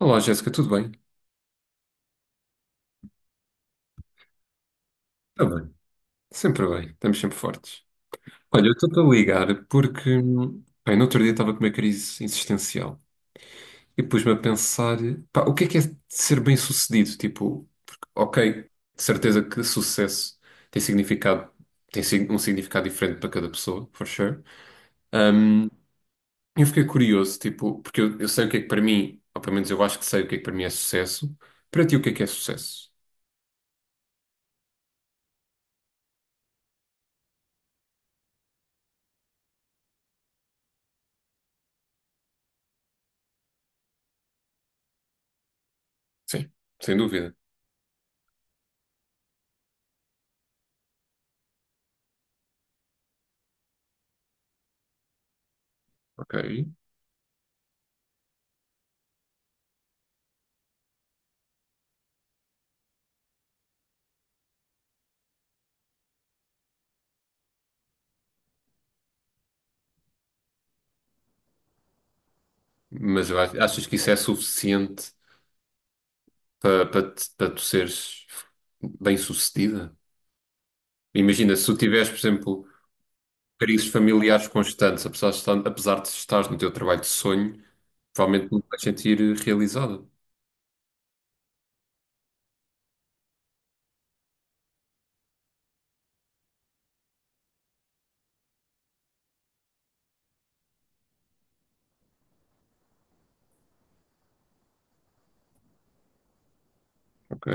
Olá, Jéssica, tudo bem? Está bem, sempre bem, estamos sempre fortes. Olha, eu estou-te a ligar porque, bem, no outro dia estava com uma crise existencial e pus-me a pensar, pá, o que é ser bem-sucedido? Tipo, porque, ok, de certeza que sucesso tem significado, um significado diferente para cada pessoa, for sure. Hum, eu fiquei curioso, tipo, porque eu sei o que é que para mim, ou pelo menos eu acho que sei o que é que para mim é sucesso, para ti o que é sucesso? Sim, sem dúvida. Ok. Achas que isso é suficiente para tu seres bem-sucedida? Imagina, se tu tiveres, por exemplo, crises familiares constantes, apesar de estares no teu trabalho de sonho, provavelmente não te vais sentir realizada. Ok.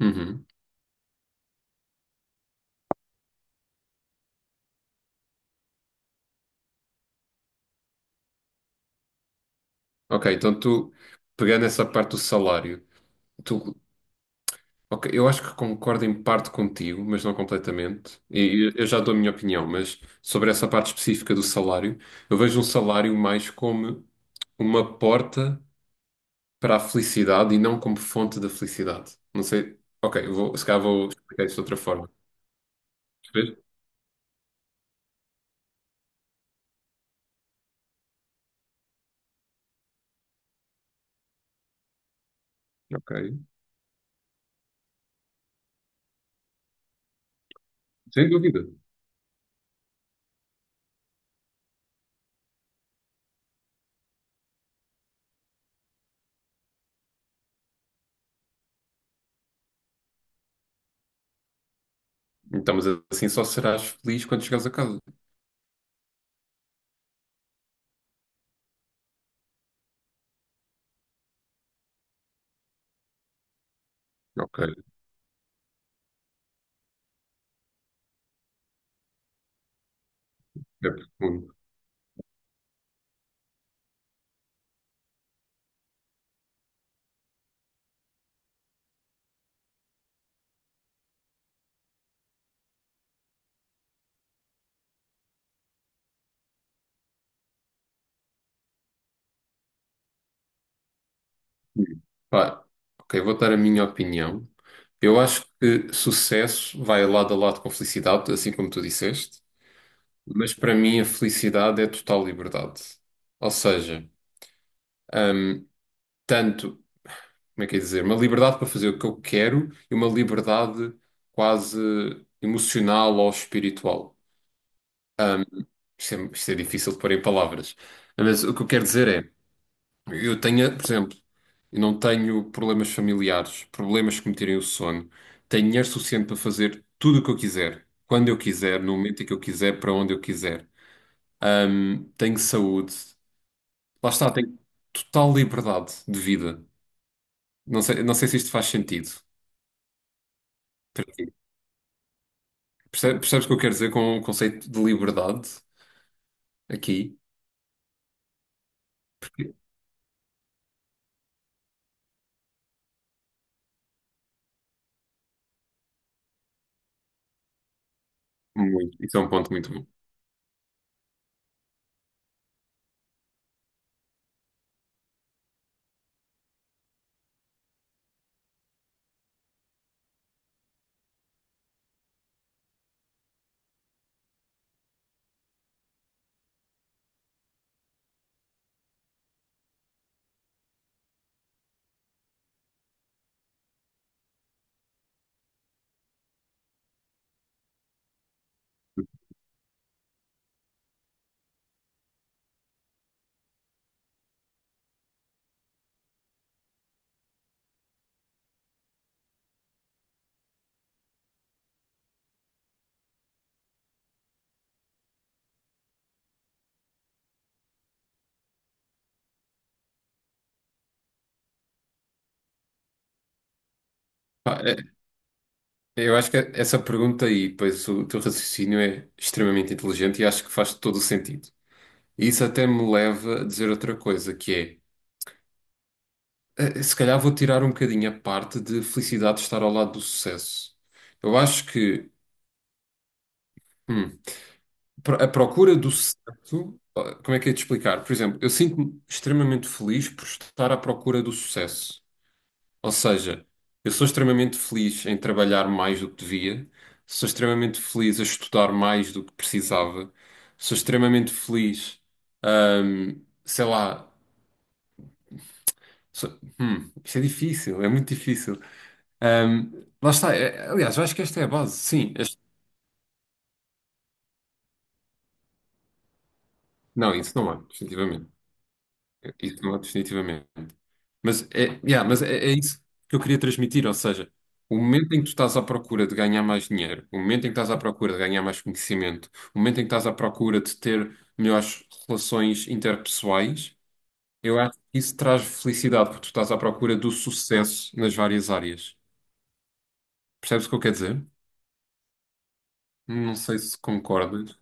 Uhum. Ok, então tu, pegando essa parte do salário, tu, ok, eu acho que concordo em parte contigo, mas não completamente. E eu já dou a minha opinião, mas sobre essa parte específica do salário, eu vejo um salário mais como uma porta para a felicidade e não como fonte da felicidade. Não sei. Ok, eu vou, se calhar vou explicar isso de outra forma. Percebes? Ok. Sem dúvida. Então, mas assim só serás feliz quando chegares a casa. Ok. É profundo. Pá, ok, vou dar a minha opinião. Eu acho que sucesso vai lado a lado com felicidade, assim como tu disseste, mas para mim a felicidade é total liberdade. Ou seja, tanto como é que é dizer? Uma liberdade para fazer o que eu quero e uma liberdade quase emocional ou espiritual. Isto é difícil de pôr em palavras. Mas o que eu quero dizer é, eu tenho, por exemplo, eu não tenho problemas familiares, problemas que me tirem o sono. Tenho dinheiro suficiente para fazer tudo o que eu quiser, quando eu quiser, no momento em que eu quiser, para onde eu quiser. Tenho saúde. Lá está, tenho total liberdade de vida. Não sei, não sei se isto faz sentido. Percebes o que eu quero dizer com o conceito de liberdade aqui? Muito. Isso é um ponto muito bom. Pá, é- Eu acho que essa pergunta e depois o teu raciocínio é extremamente inteligente e acho que faz todo o sentido. E isso até me leva a dizer outra coisa, que é, se calhar vou tirar um bocadinho a parte de felicidade de estar ao lado do sucesso. Eu acho que hum, a procura do sucesso, ah, como é que é de explicar? Por exemplo, eu sinto-me extremamente feliz por estar à procura do sucesso. Ou seja, eu sou extremamente feliz em trabalhar mais do que devia, sou extremamente feliz a estudar mais do que precisava, sou extremamente feliz, sei lá, isto é difícil, é muito difícil. Ahm, lá está, aliás, eu acho que esta é a base, sim. Não, isso não é, definitivamente. Isso não é, definitivamente. Mas é, yeah, mas é, é isso que eu queria transmitir, ou seja, o momento em que tu estás à procura de ganhar mais dinheiro, o momento em que estás à procura de ganhar mais conhecimento, o momento em que estás à procura de ter melhores relações interpessoais, eu acho que isso traz felicidade, porque tu estás à procura do sucesso nas várias áreas. Percebes o que eu quero dizer? Não sei se concordas.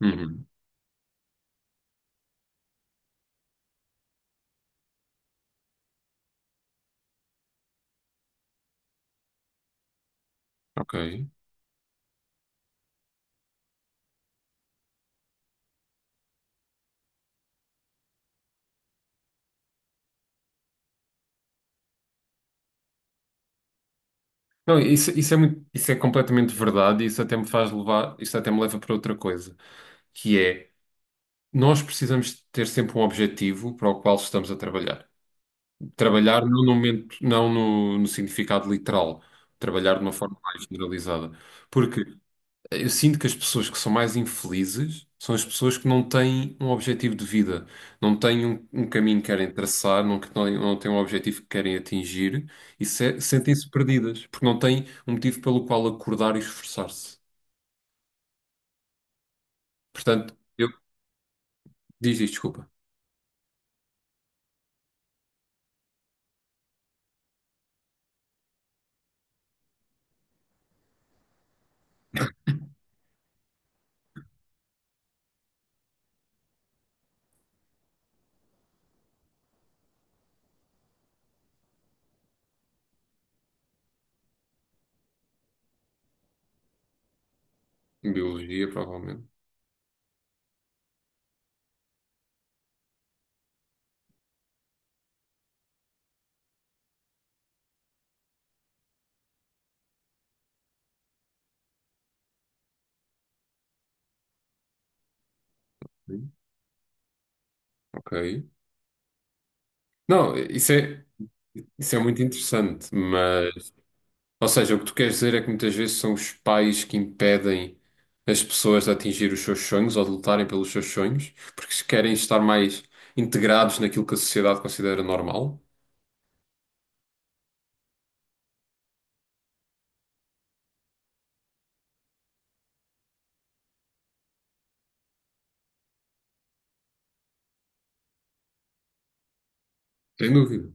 Uhum, ok. Não, isso é muito, isso é completamente verdade, e isso até me faz levar, isso até me leva para outra coisa, que é, nós precisamos ter sempre um objetivo para o qual estamos a trabalhar. Trabalhar não no momento, não no, no significado literal, trabalhar de uma forma mais generalizada. Porque eu sinto que as pessoas que são mais infelizes são as pessoas que não têm um objetivo de vida, não têm um, um caminho que querem traçar, não, que não, não têm um objetivo que querem atingir sentem-se perdidas, porque não têm um motivo pelo qual acordar e esforçar-se. Portanto, eu diz isto, desculpa. Biologia, provavelmente. Sim. Ok. Não, isso é muito interessante, mas, ou seja, o que tu queres dizer é que muitas vezes são os pais que impedem as pessoas de atingir os seus sonhos ou de lutarem pelos seus sonhos, porque se querem estar mais integrados naquilo que a sociedade considera normal? Sem dúvida,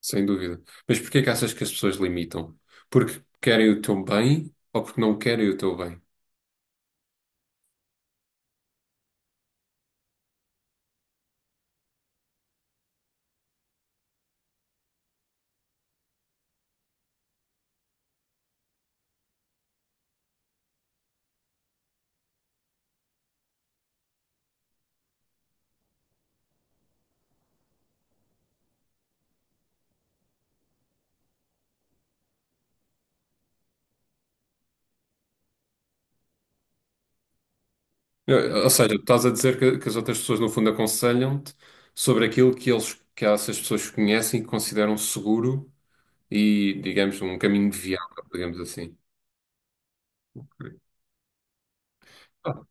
sem dúvida. Mas porquê que achas que as pessoas limitam? Porque querem o teu bem ou porque não querem o teu bem? Ou seja, tu estás a dizer que as outras pessoas, no fundo, aconselham-te sobre aquilo que eles, que essas pessoas conhecem e que consideram seguro e, digamos, um caminho viável, digamos assim. Ah,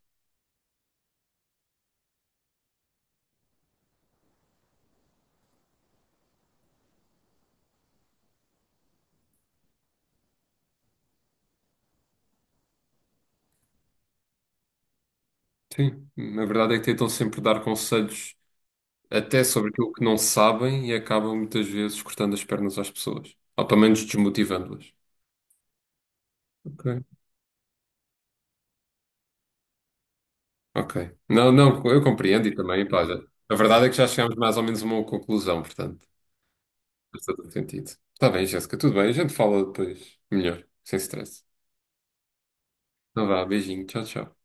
sim, na verdade é que tentam sempre dar conselhos até sobre aquilo que não sabem e acabam muitas vezes cortando as pernas às pessoas, ou pelo menos desmotivando-as. Ok. Ok. Não, não, eu compreendo e também, pá, a verdade é que já chegámos mais ou menos a uma conclusão, portanto, faz todo sentido. Está bem, Jéssica, tudo bem, a gente fala depois melhor, sem stress. Então vá, beijinho, tchau, tchau.